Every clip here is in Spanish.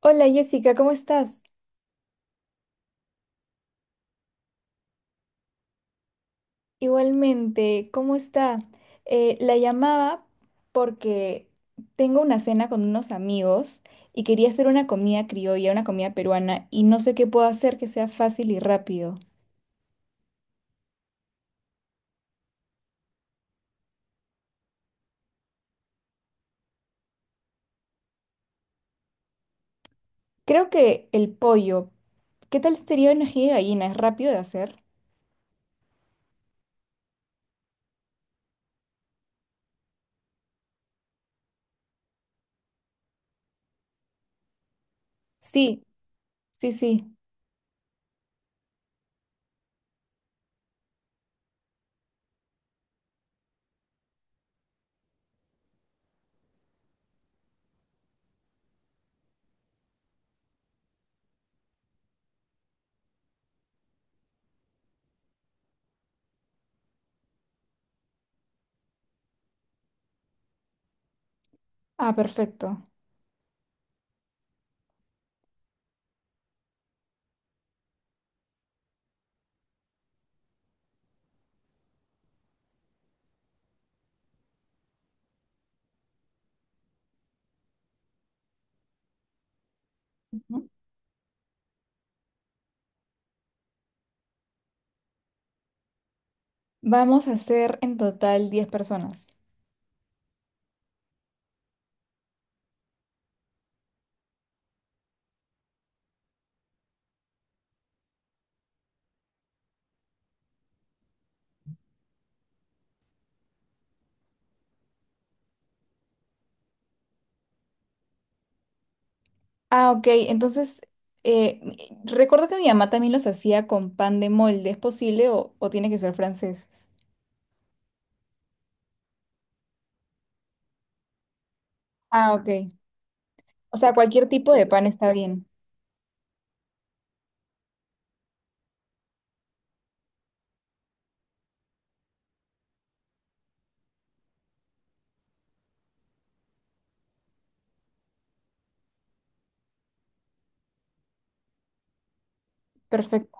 Hola Jessica, ¿cómo estás? Igualmente, ¿cómo está? La llamaba porque tengo una cena con unos amigos y quería hacer una comida criolla, una comida peruana, y no sé qué puedo hacer que sea fácil y rápido. Creo que el pollo, ¿qué tal sería una ají de gallina? ¿Es rápido de hacer? Sí, sí, sí. Ah, perfecto. Ujú. Vamos a hacer en total 10 personas. Ah, ok. Entonces, eh, m- recuerdo que mi mamá también los hacía con pan de molde. ¿Es posible o, tiene que ser franceses? Ah, ok. O sea, cualquier tipo de pan está bien. Perfecto,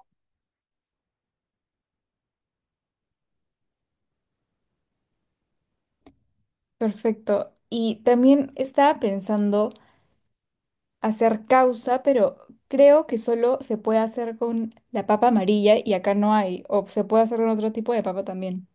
perfecto. Y también estaba pensando hacer causa, pero creo que solo se puede hacer con la papa amarilla y acá no hay. O se puede hacer con otro tipo de papa también.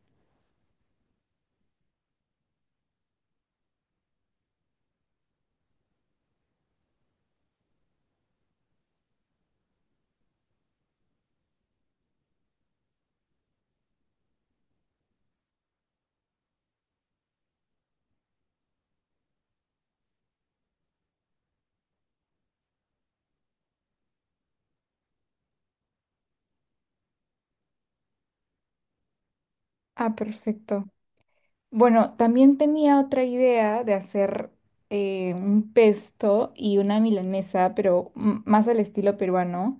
Ah, perfecto. Bueno, también tenía otra idea de hacer un pesto y una milanesa, pero m- más al estilo peruano.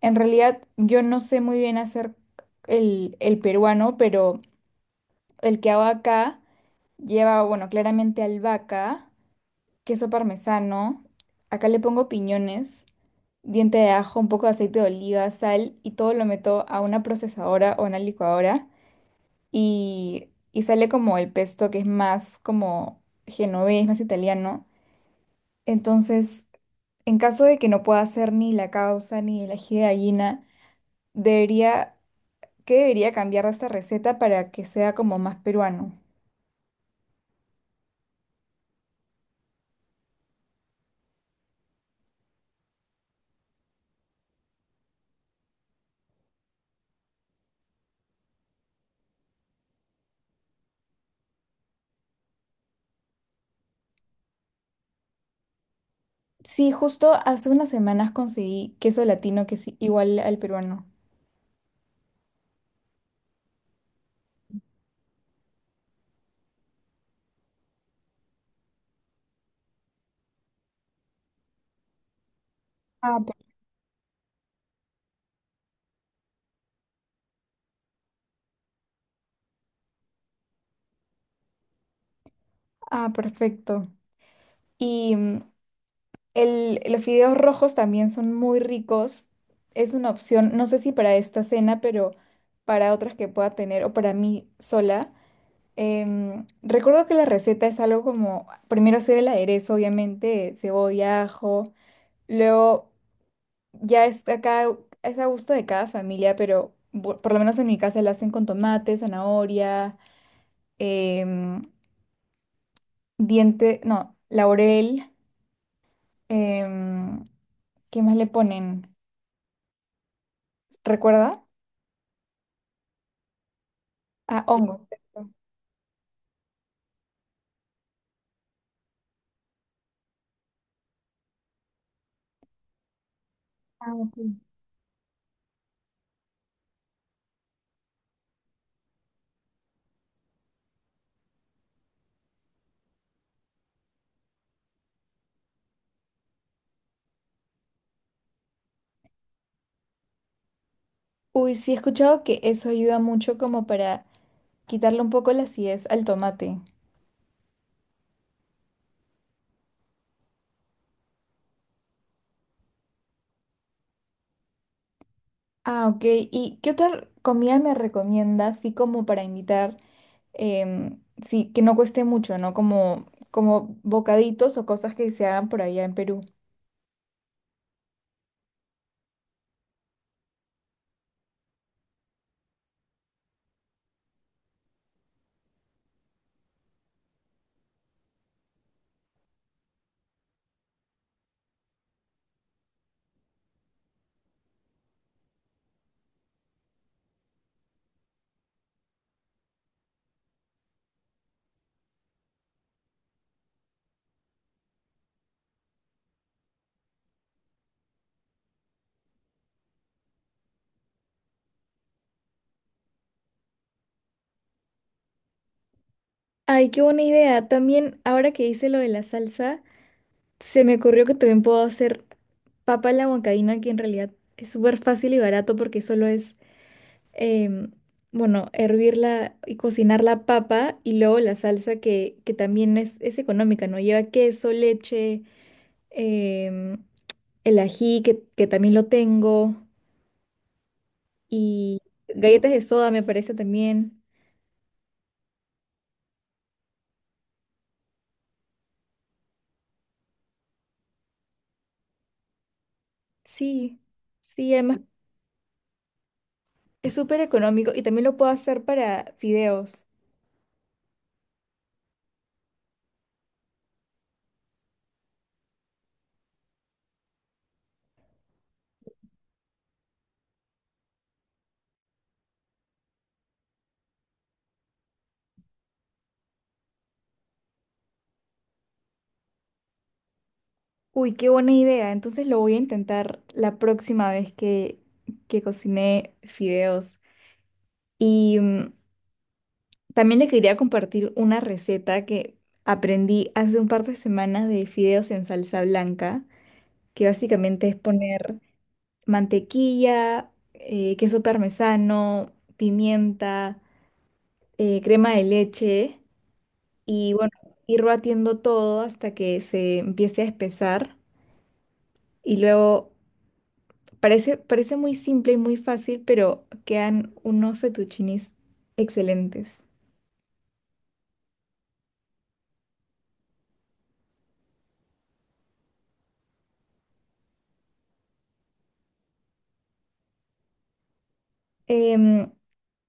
En realidad, yo no sé muy bien hacer el peruano, pero el que hago acá lleva, bueno, claramente albahaca, queso parmesano. Acá le pongo piñones, diente de ajo, un poco de aceite de oliva, sal y todo lo meto a una procesadora o una licuadora y sale como el pesto que es más como genovés, más italiano. Entonces, en caso de que no pueda hacer ni la causa ni el ají de gallina, debería, ¿qué debería cambiar de esta receta para que sea como más peruano? Sí, justo hace unas semanas conseguí queso latino que es igual al peruano. Ah, per- ah, perfecto. Y el, los fideos rojos también son muy ricos. Es una opción, no sé si para esta cena, pero para otras que pueda tener o para mí sola. Recuerdo que la receta es algo como, primero hacer el aderezo, obviamente, cebolla, ajo. Luego ya es a gusto de cada familia, pero por lo menos en mi casa la hacen con tomate, zanahoria, em, diente, no, laurel. em, ¿Qué más le ponen? ¿Recuerda? Ah, hongos. ¿Cierto? Ah, ok. Uy, sí he escuchado que eso ayuda mucho como para quitarle un poco la acidez al tomate. Ah, ok. ¿Y qué otra comida me recomiendas, así como para invitar, em, sí, que no cueste mucho, ¿no? Como, como bocaditos o cosas que se hagan por allá en Perú. Ay, qué buena idea. También, ahora que hice lo de la salsa, se me ocurrió que también puedo hacer papa a la huancaína, que en realidad es súper fácil y barato porque solo es em, bueno, hervir la y cocinar la papa y luego la salsa que, también es económica, ¿no? Lleva queso, leche, em, el ají, que, también lo tengo, y galletas de soda me parece también. Sí, sí, además es súper económico y también lo puedo hacer para fideos. Uy, qué buena idea. Entonces lo voy a intentar la próxima vez que cocine fideos. Y también le quería compartir una receta que aprendí hace un par de semanas de fideos en salsa blanca, que básicamente es poner mantequilla, queso parmesano, pimienta, crema de leche y bueno, ir batiendo todo hasta que se empiece a espesar y luego parece, parece muy simple y muy fácil, pero quedan unos fettuccinis excelentes. Em,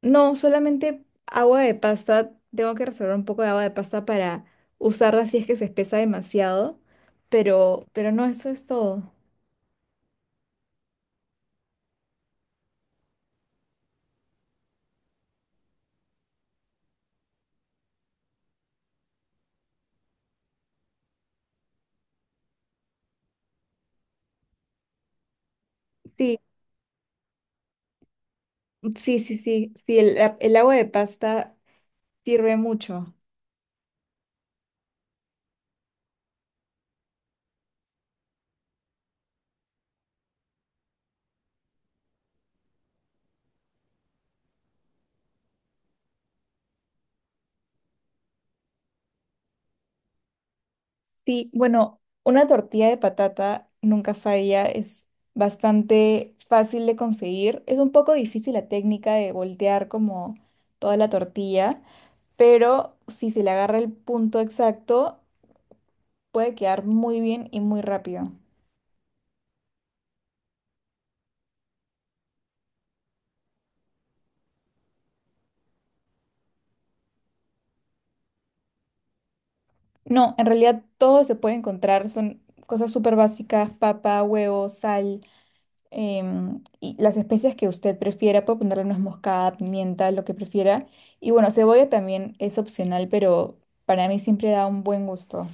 No, solamente agua de pasta. Tengo que reservar un poco de agua de pasta para usarla si es que se espesa demasiado. Pero no, eso es todo. Sí, Sí, el agua de pasta sirve mucho. Sí, bueno, una tortilla de patata nunca falla. Es bastante fácil de conseguir. Es un poco difícil la técnica de voltear como toda la tortilla. Pero si se le agarra el punto exacto, puede quedar muy bien y muy rápido. No, en realidad todo se puede encontrar, son cosas súper básicas, papa, huevo, sal, y las especias que usted prefiera, puede ponerle nuez moscada, pimienta, lo que prefiera. Y bueno, cebolla también es opcional, pero para mí siempre da un buen gusto.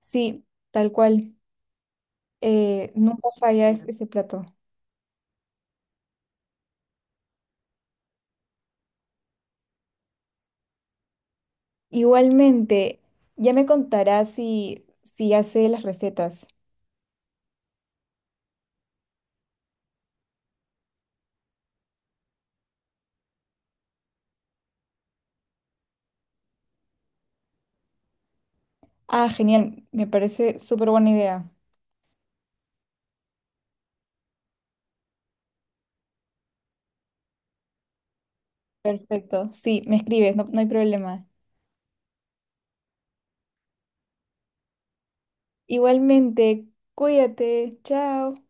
Sí, tal cual, nunca falla ese plato. Igualmente, ya me contará si, si hace las recetas. Ah, genial, me parece súper buena idea. Perfecto. Sí, me escribes, no, no hay problema. Igualmente, cuídate. Chao.